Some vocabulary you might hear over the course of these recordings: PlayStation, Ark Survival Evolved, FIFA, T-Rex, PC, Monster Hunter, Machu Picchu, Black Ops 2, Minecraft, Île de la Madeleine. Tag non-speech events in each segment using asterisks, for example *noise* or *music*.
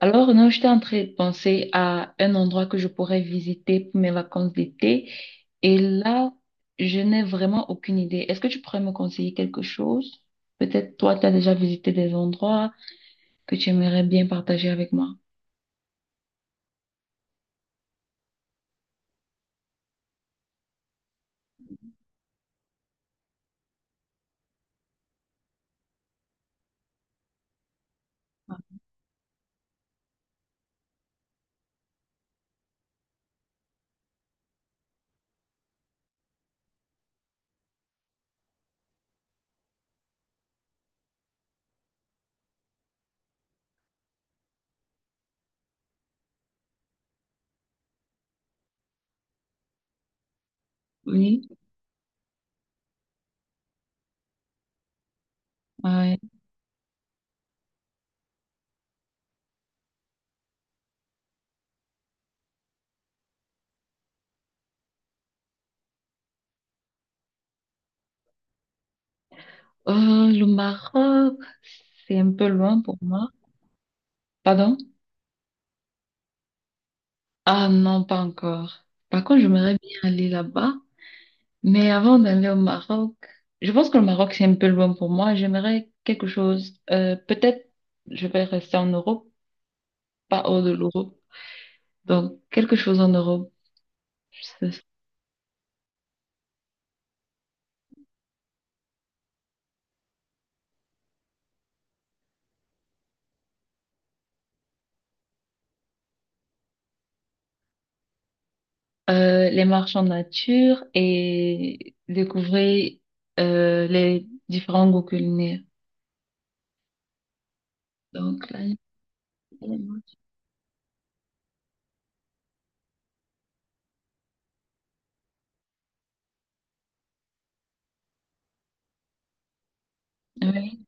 Alors, non, j'étais en train de penser à un endroit que je pourrais visiter pour mes vacances d'été. Et là, je n'ai vraiment aucune idée. Est-ce que tu pourrais me conseiller quelque chose? Peut-être toi, tu as déjà visité des endroits que tu aimerais bien partager avec moi. Oui, ouais. Le Maroc, c'est un peu loin pour moi. Pardon? Ah non, pas encore. Par contre, j'aimerais bien aller là-bas. Mais avant d'aller au Maroc, je pense que le Maroc, c'est un peu loin pour moi. J'aimerais quelque chose. Peut-être je vais rester en Europe, pas hors de l'Europe. Donc, quelque chose en Europe. Ce- les marches en nature et découvrir les différents goûts culinaires. Donc, là, oui.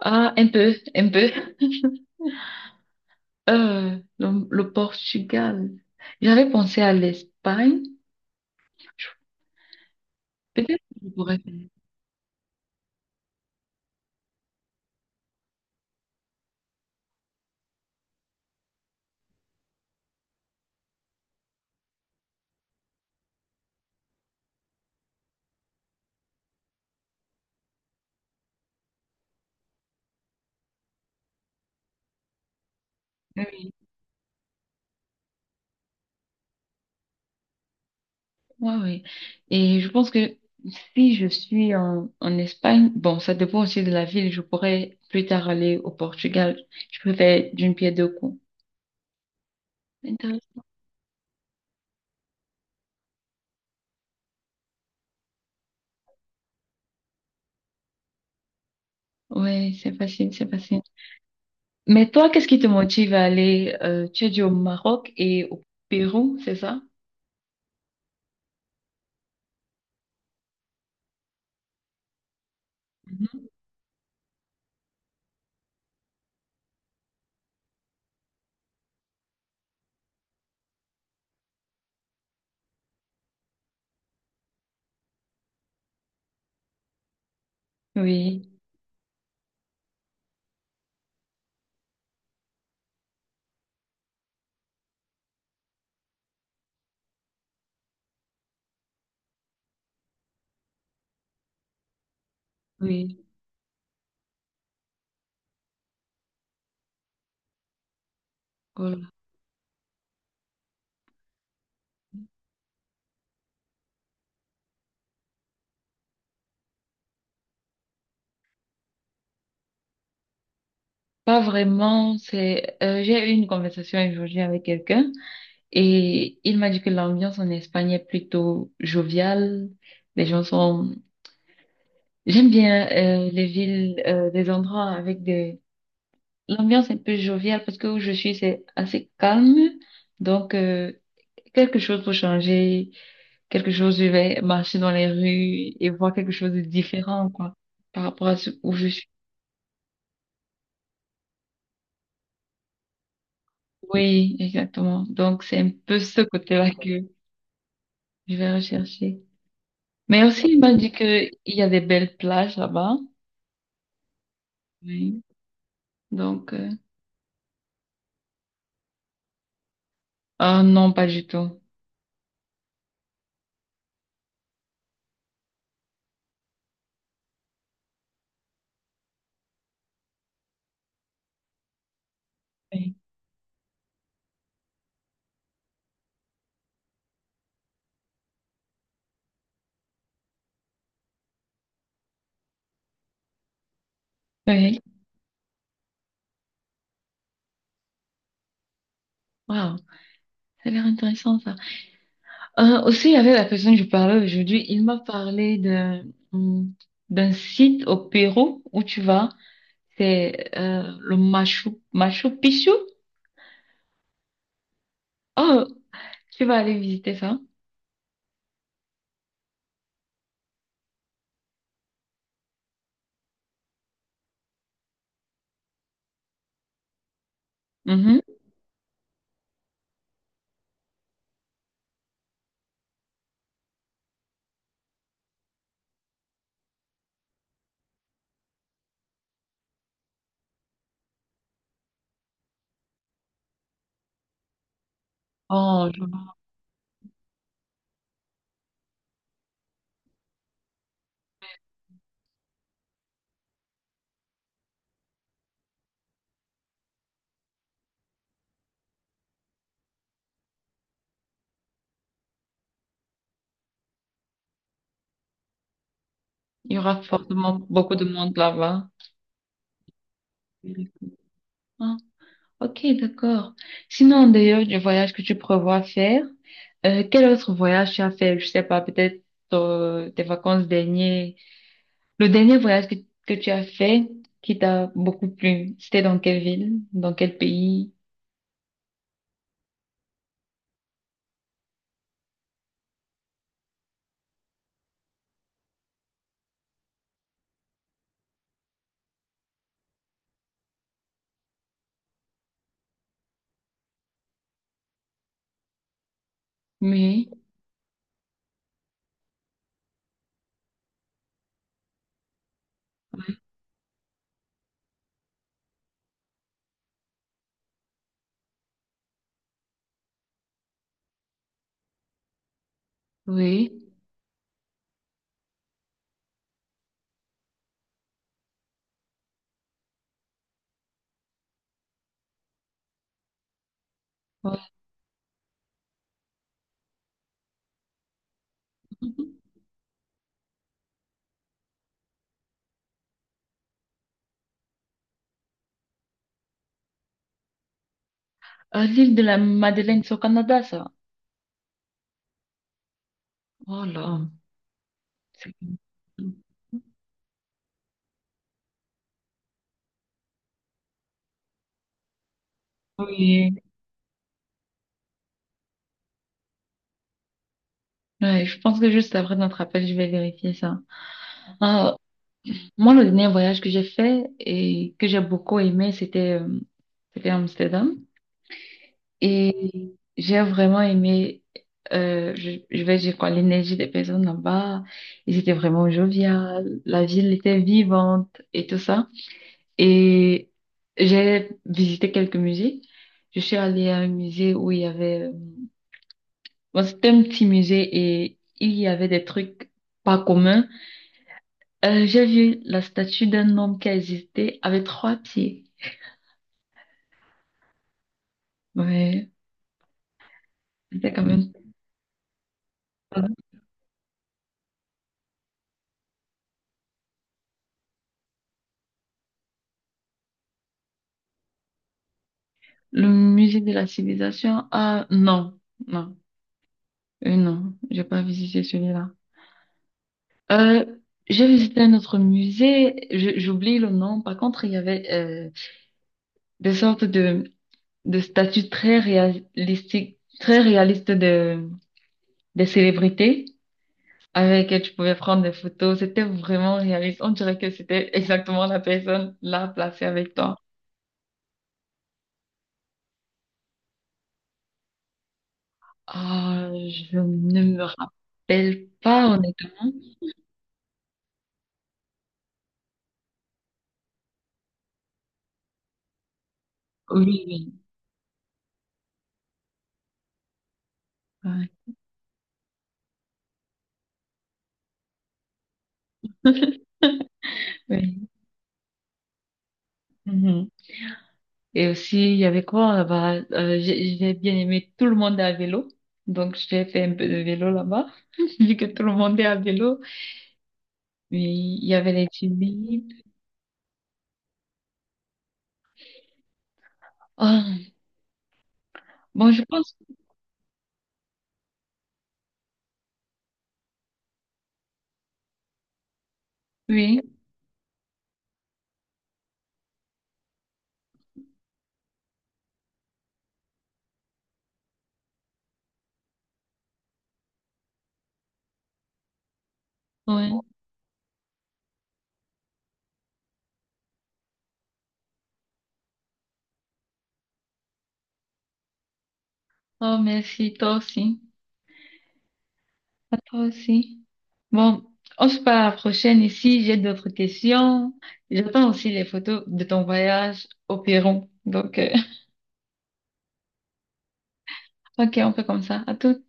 Ah, un peu, un peu. Le Portugal. J'avais pensé à l'Espagne. Je- Peut-être que je pourrais faire. Ouais, ouais. Et je pense que si je suis en Espagne, bon, ça dépend aussi de la ville, je pourrais plus tard aller au Portugal. Je peux faire d'une pierre deux coups. Intéressant. Ouais, c'est facile, c'est facile. Mais toi, qu'est-ce qui te motive à aller, tu as dit au Maroc et au Pérou, c'est ça? Mhm. Oui, oui. Voilà. Pas vraiment, j'ai eu une conversation aujourd'hui avec quelqu'un et il m'a dit que l'ambiance en Espagne est plutôt joviale. Les gens sont. J'aime bien les villes, des endroits avec des... L'ambiance un peu joviale parce que où je suis, c'est assez calme. Donc, quelque chose pour changer, quelque chose, je vais marcher dans les rues et voir quelque chose de différent, quoi, par rapport à ce où je suis. Oui, exactement. Donc, c'est un peu ce côté-là que je vais rechercher. Mais aussi, il m'a dit que il y a des belles plages là-bas. Oui. Donc, ah non, pas du tout. Oui. Oui. Wow, ça a l'air intéressant, ça. Aussi, avec la personne que je parlais aujourd'hui, il m'a parlé d'un hum, d'un site au Pérou où tu vas. C'est Machu Picchu. Oh, tu vas aller visiter ça. Mhm. Vois. Il y aura forcément beaucoup de monde là-bas. Ah, ok, d'accord. Sinon, d'ailleurs, du voyage que tu prévois faire, quel autre voyage tu as fait? Je sais pas, peut-être tes vacances dernières. Le dernier voyage Que tu as fait qui t'a beaucoup plu, c'était dans quelle ville, dans quel pays? Oui, oui. Ouais. Ah, l'île de la Madeleine, c'est au Canada, ça. Oh là. c'est- Oui. Ouais, je pense que juste après notre appel, je vais vérifier ça. Ah, moi, le dernier voyage que j'ai fait et que j'ai beaucoup aimé, c'était Amsterdam. Et j'ai vraiment aimé, je vais dire quoi, l'énergie des personnes là-bas. Ils étaient vraiment joviales, la ville était vivante et tout ça. Et j'ai visité quelques musées. Je suis allée à un musée où il y bon, c'était un petit musée et il y avait des trucs pas communs. J'ai vu la statue d'un homme qui a existé avec trois pieds. Ouais, c'était quand même pas mal. Le musée de la civilisation. Ah, non, non. Non, j'ai pas visité celui-là. Euh, j'ai visité un autre musée, je- J'oublie le nom. Par contre, il y avait des sortes de statues très réalistiques, très réalistes de, des célébrités avec lesquelles tu pouvais prendre des photos. C'était vraiment réaliste. On dirait que c'était exactement la personne là placée avec toi. Ah, je ne me rappelle pas honnêtement. Oui, oui, ouais, oui. Mhm. Et aussi, il y avait quoi là-bas? J'ai bien aimé tout le monde à vélo. Donc, j'ai fait un peu de vélo là-bas, *laughs* vu que tout le monde est à vélo. Oui, il y avait les tulipes. Ah, bon, je pense, oui, oui. Ouais. Oh, merci, toi aussi. À toi aussi. Bon, on se parle à la prochaine ici. J'ai d'autres questions. J'attends aussi les photos de ton voyage au Pérou. Donc, *laughs* ok, on fait comme ça. À tout.